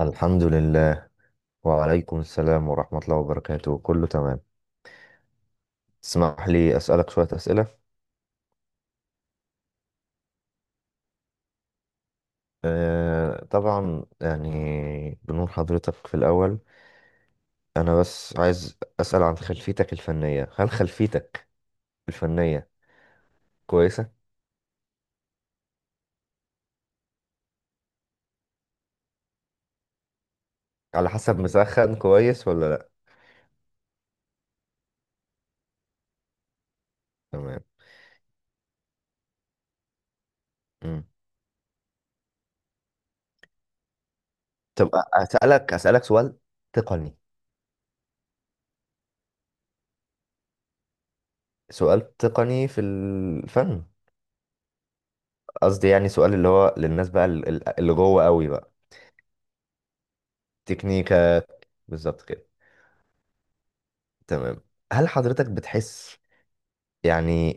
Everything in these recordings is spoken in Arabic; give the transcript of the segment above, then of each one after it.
الحمد لله. وعليكم السلام ورحمة الله وبركاته، كله تمام. تسمح لي أسألك شوية أسئلة؟ أه، طبعا، يعني بنور حضرتك في الأول. أنا بس عايز أسأل عن خلفيتك الفنية. هل خلفيتك الفنية كويسة؟ على حسب، مسخن كويس ولا لأ؟ تمام. مم. طب أسألك سؤال تقني. سؤال تقني في الفن. قصدي يعني سؤال اللي هو للناس بقى، اللي جوه قوي بقى. تكنيكا، بالظبط كده. تمام. هل حضرتك بتحس يعني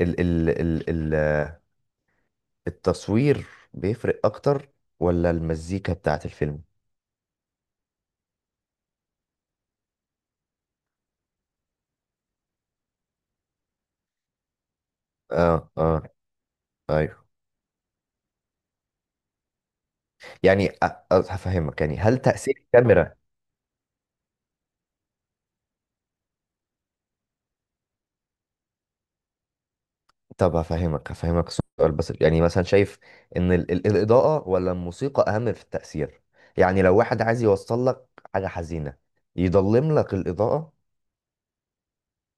ال ال ال ال التصوير بيفرق اكتر ولا المزيكا بتاعت الفيلم؟ اه، اه، ايوه. يعني هفهمك، يعني هل تأثير الكاميرا؟ طب هفهمك سؤال بس، يعني مثلا شايف ان ال ال الإضاءة ولا الموسيقى اهم في التأثير؟ يعني لو واحد عايز يوصل لك حاجة حزينة، يضلم لك الإضاءة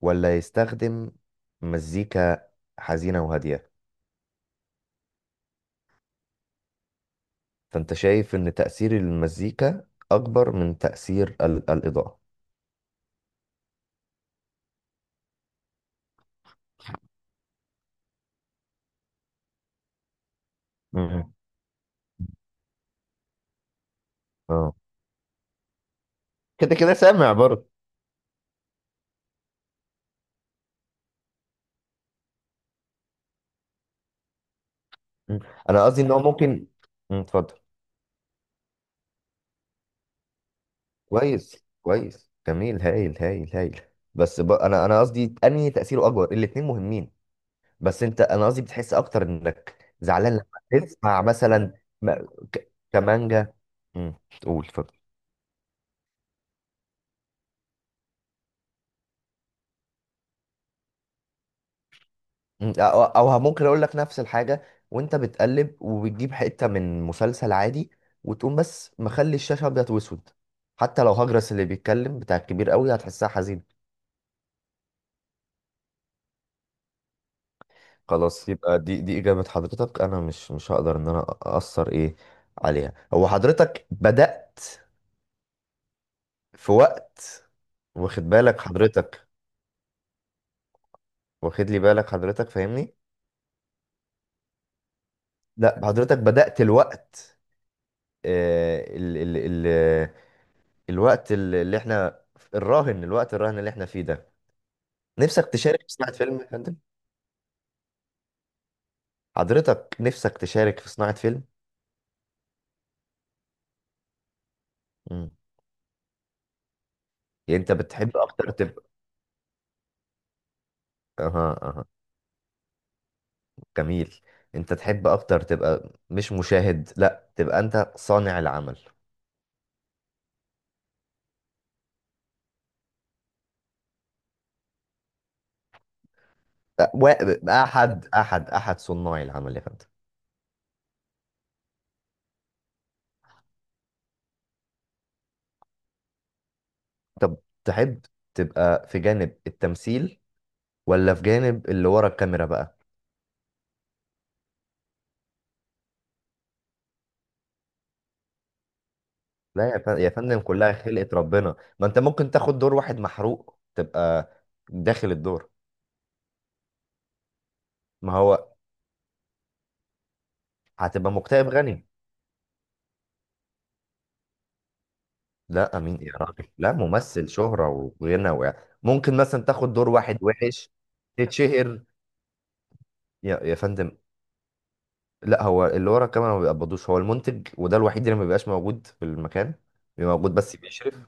ولا يستخدم مزيكا حزينة وهادية؟ فأنت شايف إن تأثير المزيكا أكبر من تأثير الإضاءة. مم. اه، كده كده سامع برضه. مم. أنا قصدي إن هو ممكن. اتفضل. كويس، كويس، جميل، هايل، هايل، هايل. بس أنا قصدي أنهي تأثيره أكبر. الاتنين مهمين، بس أنت، أنا قصدي، بتحس أكتر إنك زعلان لما تسمع مثلا م- كمانجا. مم. قول، اتفضل. مم. ممكن اقول لك نفس الحاجه وانت بتقلب وبتجيب حته من مسلسل عادي، وتقوم بس مخلي الشاشه ابيض واسود، حتى لو هجرس اللي بيتكلم بتاع الكبير قوي هتحسها حزين. خلاص، يبقى دي اجابه حضرتك. انا مش هقدر ان انا اثر ايه عليها. هو حضرتك بدات في وقت، واخد بالك حضرتك؟ واخد لي بالك حضرتك؟ فاهمني؟ لا، حضرتك بدات الوقت، آه، ال- ال- ال- الوقت اللي اللي احنا. الراهن، الوقت الراهن اللي احنا فيه ده، نفسك تشارك في صناعة فيلم يا فندم؟ حضرتك نفسك تشارك في صناعة فيلم. مم. يعني انت بتحب اكتر تبقى. اها، اها، جميل. انت تحب اكتر تبقى مش مشاهد؟ لا، تبقى انت صانع العمل. أ- و- احد صناع العمل يا فندم. طب تحب تبقى في جانب التمثيل ولا في جانب اللي ورا الكاميرا بقى؟ لا يا فندم، كلها خلقة ربنا. ما انت ممكن تاخد دور واحد محروق تبقى داخل الدور. ما هو هتبقى مكتئب غني. لا، امين يا راجل. لا، ممثل شهرة وغنى و... ممكن مثلا تاخد دور واحد وحش، تتشهر يا فندم. لا، هو اللي ورا الكاميرا ما بيقبضوش. هو المنتج، وده الوحيد اللي ما بيبقاش موجود في المكان. بيبقى موجود بس بيشرف.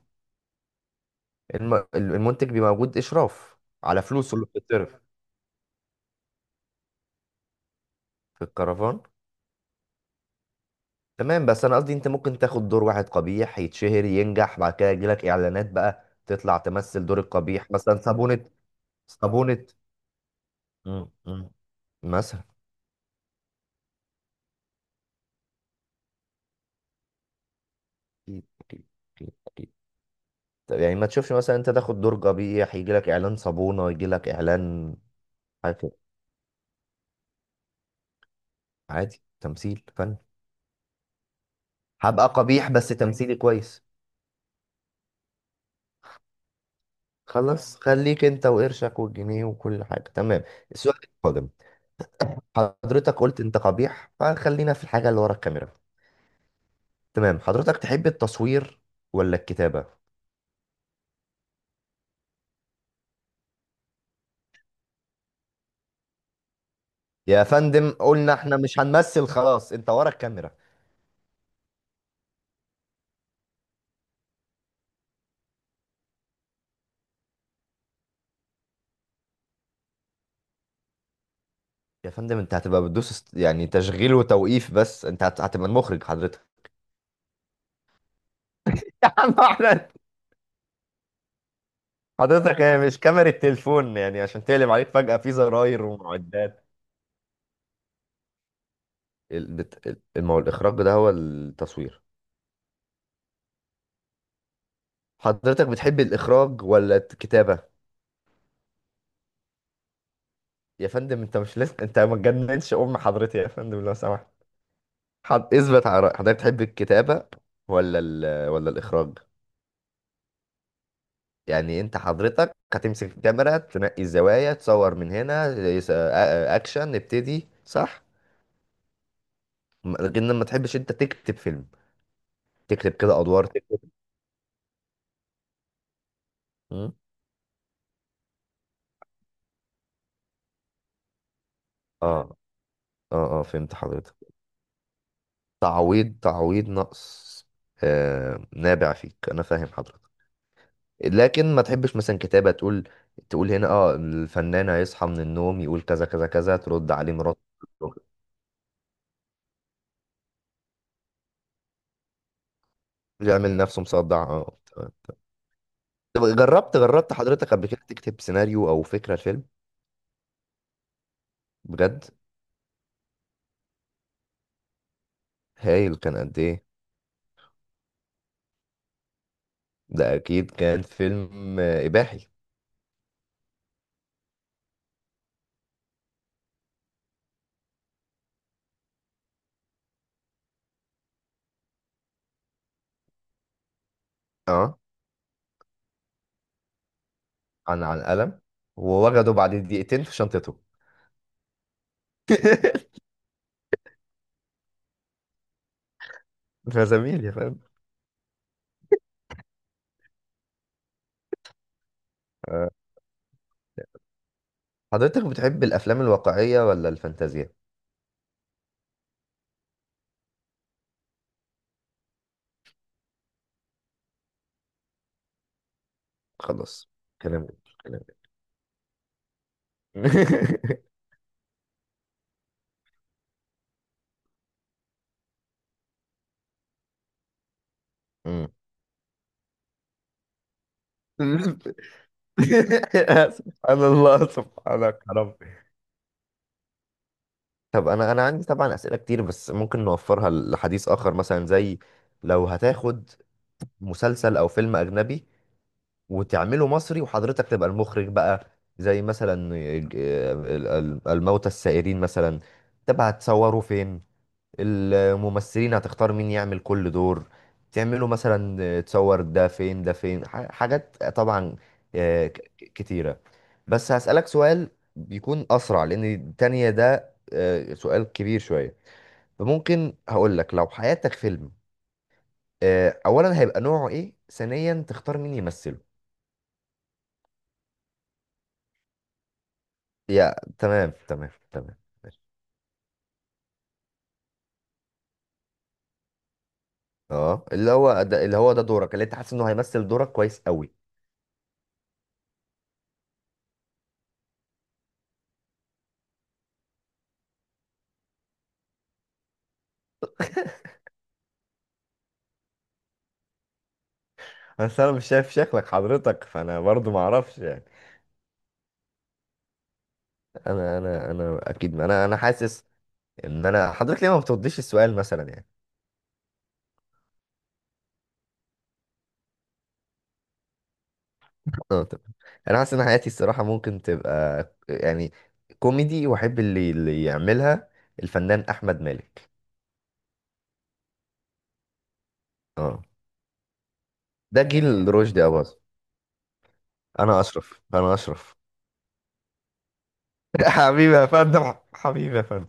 المنتج بيبقى موجود اشراف على فلوسه اللي بتتصرف في الكرفان. تمام. بس انا قصدي انت ممكن تاخد دور واحد قبيح يتشهر، ينجح، بعد كده يجيلك اعلانات، بقى تطلع تمثل دور القبيح، مثلا صابونة. صابونة. مم، مم. مثلا. أكيد، أكيد، أكيد، أكيد. طب يعني ما تشوفش مثلا انت تاخد دور قبيح يجيلك اعلان صابونة، يجيلك اعلان حاجة كده. عادي، تمثيل فن. هبقى قبيح بس تمثيلي كويس. خلاص، خليك انت وقرشك والجنيه وكل حاجة، تمام. السؤال القادم: حضرتك قلت انت قبيح، فخلينا في الحاجة اللي ورا الكاميرا. تمام، حضرتك تحب التصوير ولا الكتابة؟ يا فندم قلنا احنا مش هنمثل خلاص، انت ورا الكاميرا. يا فندم انت هتبقى بتدوس يعني تشغيل وتوقيف. بس انت هتبقى المخرج حضرتك. يا عم احمد، حضرتك هي مش كاميرا التليفون يعني عشان تقلب عليك فجأة في زراير ومعدات. ال- بت- ما هو الإخراج ده هو التصوير. حضرتك بتحب الإخراج ولا الكتابة؟ يا فندم انت مش لسه، انت ما تجننش أم حضرتي يا فندم لو سمحت. اثبت على رأيك. حضرتك تحب الكتابة ولا الإخراج؟ يعني انت حضرتك هتمسك الكاميرا، تنقي الزوايا، تصور من هنا، اكشن نبتدي، صح؟ لكن ما تحبش انت تكتب فيلم؟ تكتب كده ادوار، تكتب. م? اه، اه، اه، فهمت حضرتك. تعويض، تعويض نقص. آه، نابع فيك، انا فاهم حضرتك. لكن ما تحبش مثلا كتابة تقول هنا اه الفنان هيصحى من النوم، يقول كذا كذا كذا، ترد عليه مراته. يعمل نفسه مصدع، اه تمام. طب جربت حضرتك قبل كده تكتب سيناريو او فكرة الفيلم؟ بجد؟ هايل، كان قد ايه؟ ده اكيد كان فيلم اباحي. اه، عن قلم. ووجده بعد دقيقتين في شنطته. يا زميلي فاهم. آه. حضرتك بتحب الافلام الواقعية ولا الفانتازيا؟ خلاص، كلام، كلام. مم. سبحان الله، سبحانك يا رب. طب انا عندي طبعا اسئله كتير بس ممكن نوفرها لحديث اخر، مثلا زي لو هتاخد مسلسل او فيلم اجنبي وتعمله مصري وحضرتك تبقى المخرج بقى، زي مثلا الموتى السائرين مثلا، تبقى هتصوره فين؟ الممثلين هتختار مين يعمل كل دور؟ تعمله مثلا، تصور ده فين ده فين، حاجات طبعا كتيرة. بس هسألك سؤال بيكون أسرع لأن التانية ده سؤال كبير شوية. فممكن هقول لك لو حياتك فيلم، اولا هيبقى نوعه ايه، ثانيا تختار مين يمثله؟ يا، تمام، تمام، تمام. ماشي. اه، اللي هو ده دورك اللي انت حاسس انه هيمثل دورك كويس قوي. بس انا مش شايف شكلك حضرتك، فانا برضو ما اعرفش يعني. انا اكيد انا حاسس ان انا حضرتك ليه ما بترديش السؤال مثلا يعني. اه، تمام. انا حاسس ان حياتي الصراحه ممكن تبقى يعني كوميدي، واحب اللي يعملها الفنان احمد مالك. اه. ده جيل رشدي اباظة. انا اشرف، انا اشرف. حبيبي يا فندم، حبيبي يا فندم.